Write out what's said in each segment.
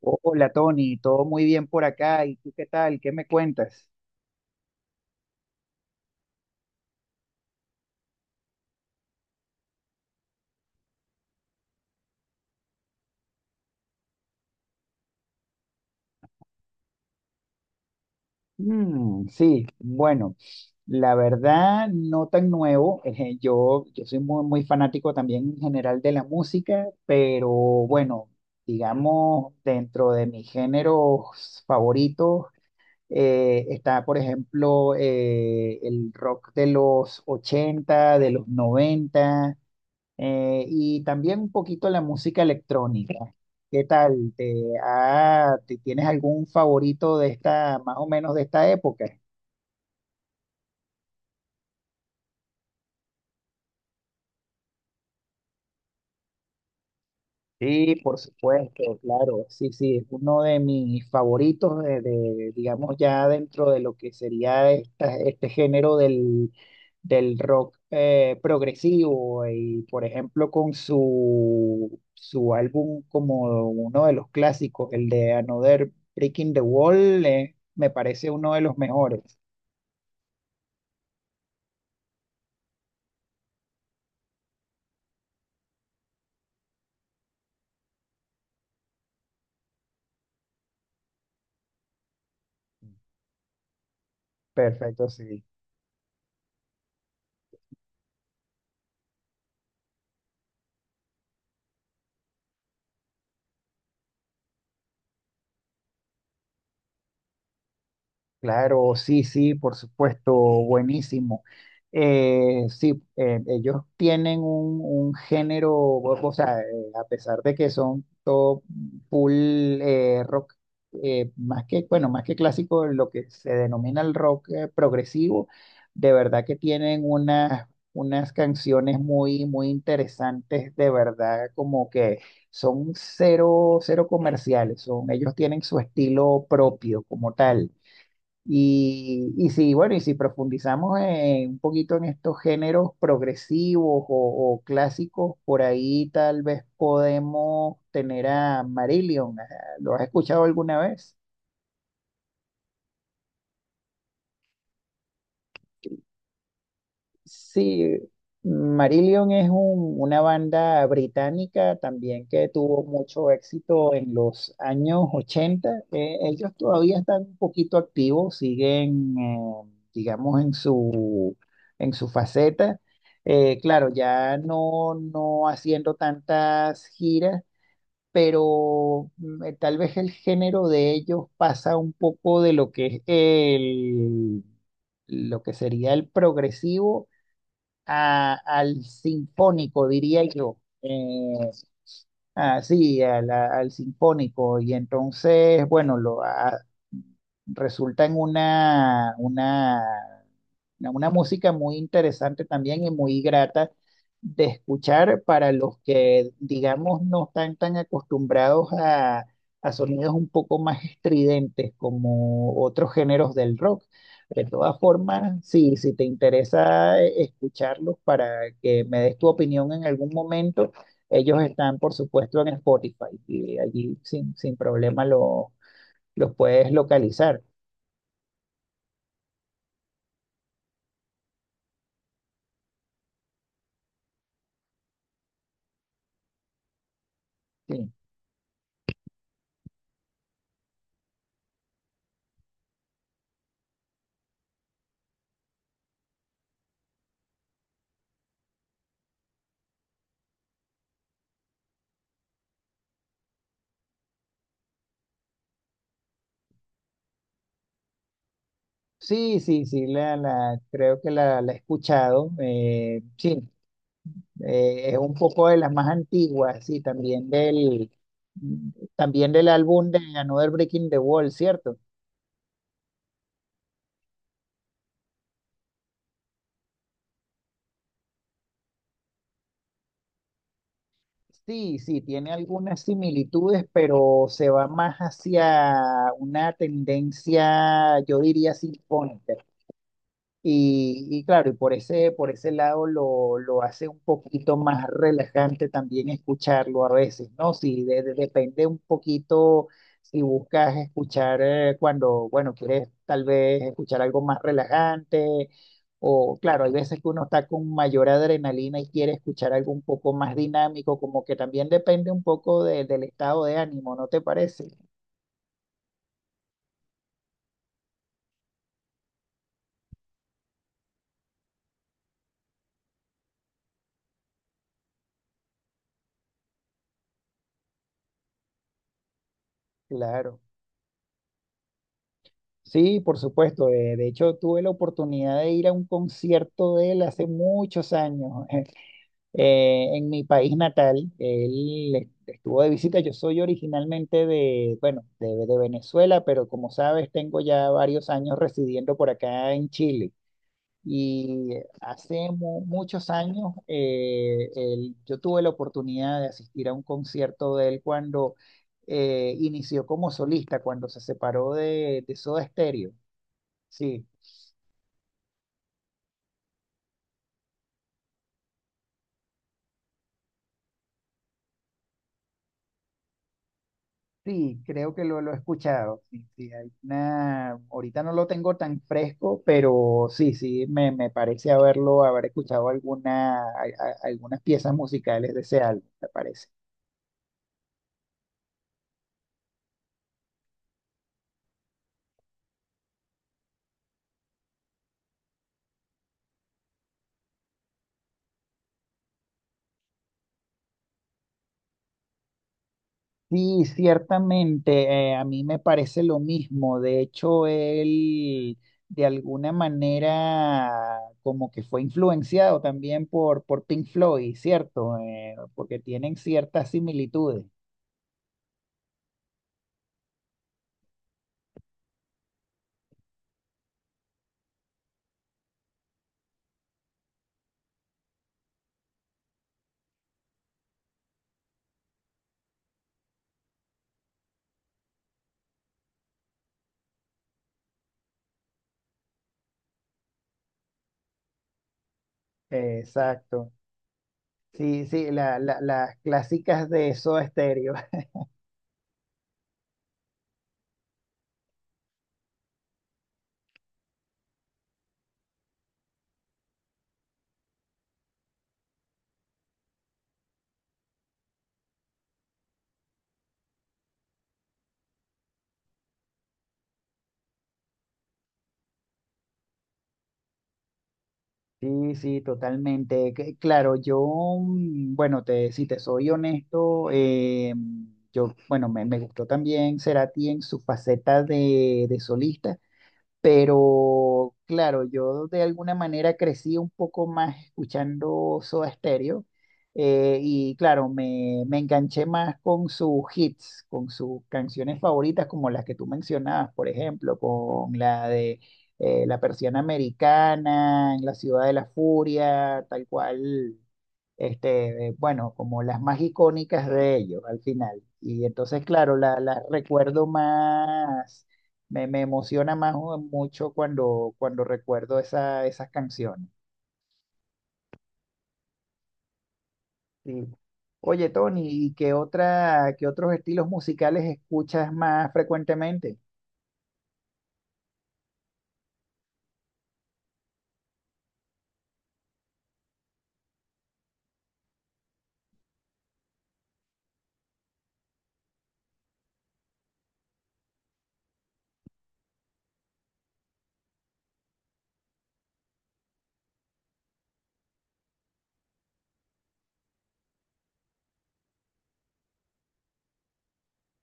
Hola Tony, todo muy bien por acá. ¿Y tú qué tal? ¿Qué me cuentas? Mm, sí, bueno, la verdad no tan nuevo. Yo soy muy, muy fanático también en general de la música, pero bueno, digamos, dentro de mis géneros favoritos está, por ejemplo, el rock de los 80, de los 90. Y también un poquito la música electrónica. ¿Qué tal? ¿ Tienes algún favorito de esta, más o menos de esta época? Sí, por supuesto, claro, sí, sí, es uno de mis favoritos digamos, ya dentro de lo que sería este género del rock progresivo y, por ejemplo, con su álbum como uno de los clásicos, el de Another Breaking the Wall, me parece uno de los mejores. Perfecto, sí. Claro, sí, sí, por supuesto, buenísimo. Sí, ellos tienen un género, o sea, a pesar de que son todo full rock, más que, bueno, más que clásico, lo que se denomina el rock progresivo, de verdad que tienen unas, unas canciones muy, muy interesantes, de verdad, como que son cero, cero comerciales, son, ellos tienen su estilo propio como tal. Y si bueno, y si profundizamos un poquito en estos géneros progresivos o clásicos, por ahí tal vez podemos tener a Marillion. Ajá, ¿lo has escuchado alguna vez? Sí, Marillion es una banda británica también que tuvo mucho éxito en los años 80. Ellos todavía están un poquito activos, siguen, digamos, en su faceta. Claro, ya no, no haciendo tantas giras, pero mm, tal vez el género de ellos pasa un poco de lo que es lo que sería el progresivo al sinfónico, diría yo. Sí, a al sinfónico. Y entonces, bueno, resulta en una música muy interesante también y muy grata de escuchar para los que, digamos, no están tan acostumbrados a sonidos un poco más estridentes como otros géneros del rock. De todas formas, sí, si te interesa escucharlos para que me des tu opinión en algún momento, ellos están, por supuesto, en Spotify y allí sin, sin problema los puedes localizar. Sí. Sí, sí, sí, creo que la he escuchado. Sí, es un poco de las más antiguas, sí, también del álbum de Another Breaking the Wall, ¿cierto? Sí, sí, tiene algunas similitudes, pero se va más hacia una tendencia, yo diría, sinfónica. Y claro, y por por ese lado lo hace un poquito más relajante también escucharlo a veces, ¿no? Si depende un poquito si buscas escuchar cuando, bueno, quieres tal vez escuchar algo más relajante, o claro, hay veces que uno está con mayor adrenalina y quiere escuchar algo un poco más dinámico, como que también depende un poco del estado de ánimo, ¿no te parece? Claro. Sí, por supuesto. De hecho, tuve la oportunidad de ir a un concierto de él hace muchos años en mi país natal. Él estuvo de visita. Yo soy originalmente de, bueno, de Venezuela, pero como sabes, tengo ya varios años residiendo por acá en Chile. Y hace muchos años yo tuve la oportunidad de asistir a un concierto de él cuando inició como solista, cuando se separó de Soda Stereo. Sí, sí, creo que lo he escuchado. Sí, sí, hay una. Ahorita no lo tengo tan fresco, pero sí, sí, me parece haberlo, haber escuchado algunas piezas musicales de ese álbum, me parece. Sí, ciertamente, a mí me parece lo mismo. De hecho, él de alguna manera como que fue influenciado también por Pink Floyd, ¿cierto? Porque tienen ciertas similitudes. Exacto. Sí, sí, las clásicas de Soda Stereo. Sí, sí, totalmente. Que claro, yo, mm, bueno, te, si te soy honesto, yo, bueno, me gustó también Cerati en su faceta de solista. Pero claro, yo de alguna manera crecí un poco más escuchando Soda Stereo y claro, me enganché más con sus hits, con sus canciones favoritas como las que tú mencionabas, por ejemplo, con la de la Persiana Americana, En la Ciudad de la Furia, tal cual, este, bueno, como las más icónicas de ellos al final. Y entonces, claro, las recuerdo más, me emociona más mucho cuando, cuando recuerdo esas canciones. Sí. Oye, Tony, ¿y qué otra, qué otros estilos musicales escuchas más frecuentemente?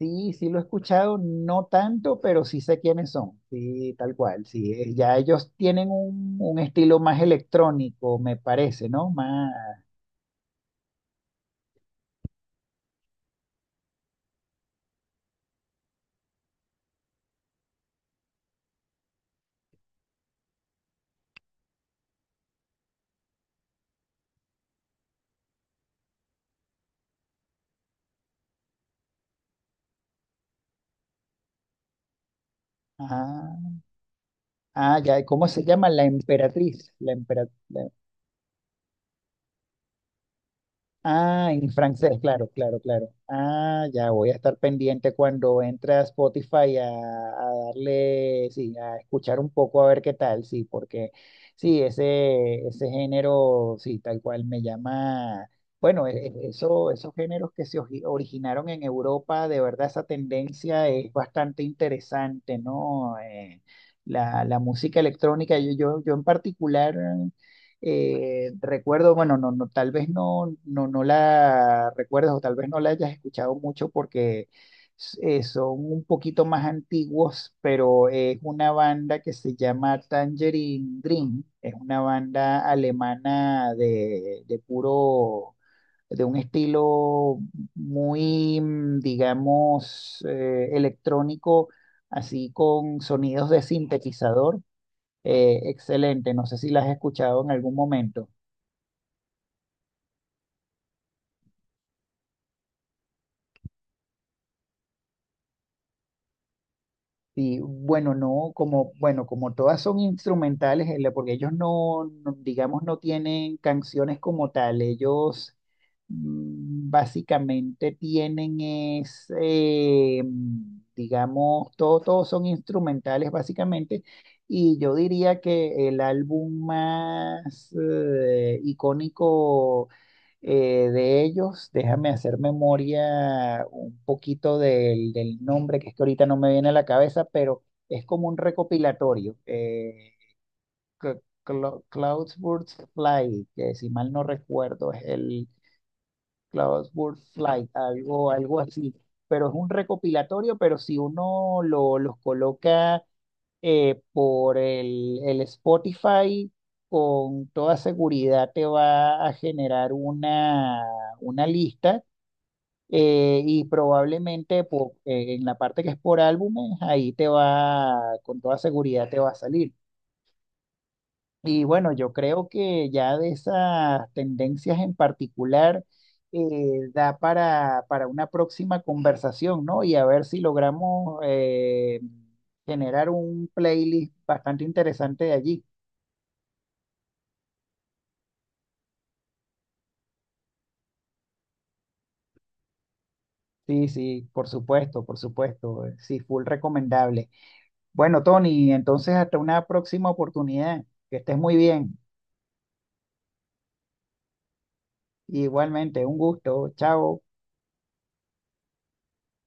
Sí, sí lo he escuchado, no tanto, pero sí sé quiénes son. Sí, tal cual. Sí, ya ellos tienen un estilo más electrónico, me parece, ¿no? Más, ah, ah, ya, ¿cómo se llama? La Emperatriz. La Emperatriz. Ah, en francés, claro, claro, claro. Ah, ya voy a estar pendiente cuando entre a Spotify a darle, sí, a escuchar un poco a ver qué tal, sí, porque sí, ese género, sí, tal cual me llama. Bueno, eso, esos géneros que se originaron en Europa, de verdad esa tendencia es bastante interesante, ¿no? La música electrónica, yo en particular. Recuerdo, bueno, tal vez no la recuerdes o tal vez no la hayas escuchado mucho porque son un poquito más antiguos, pero es una banda que se llama Tangerine Dream, es una banda alemana de puro, de un estilo muy, mm, digamos, electrónico, así con sonidos de sintetizador. Excelente, no sé si la has escuchado en algún momento. Sí, bueno, no, como, bueno, como todas son instrumentales, porque ellos no, digamos, no tienen canciones como tal, ellos mm, básicamente tienen es, mm, digamos, todo, todos son instrumentales básicamente, y yo diría que el álbum más icónico de ellos, déjame hacer memoria un poquito del nombre, que es que ahorita no me viene a la cabeza, pero es como un recopilatorio. Cloudsburst Flight, que si mal no recuerdo, es el Cloudsburst Flight, algo, algo así. Pero es un recopilatorio, pero si uno los coloca por el Spotify, con toda seguridad te va a generar una lista y probablemente en la parte que es por álbumes, ahí te va, con toda seguridad te va a salir. Y bueno, yo creo que ya de esas tendencias en particular da para una próxima conversación, ¿no? Y a ver si logramos generar un playlist bastante interesante de allí. Sí, sí, por supuesto, por supuesto. Sí, full recomendable. Bueno, Tony, entonces hasta una próxima oportunidad. Que estés muy bien. Igualmente, un gusto. Chao.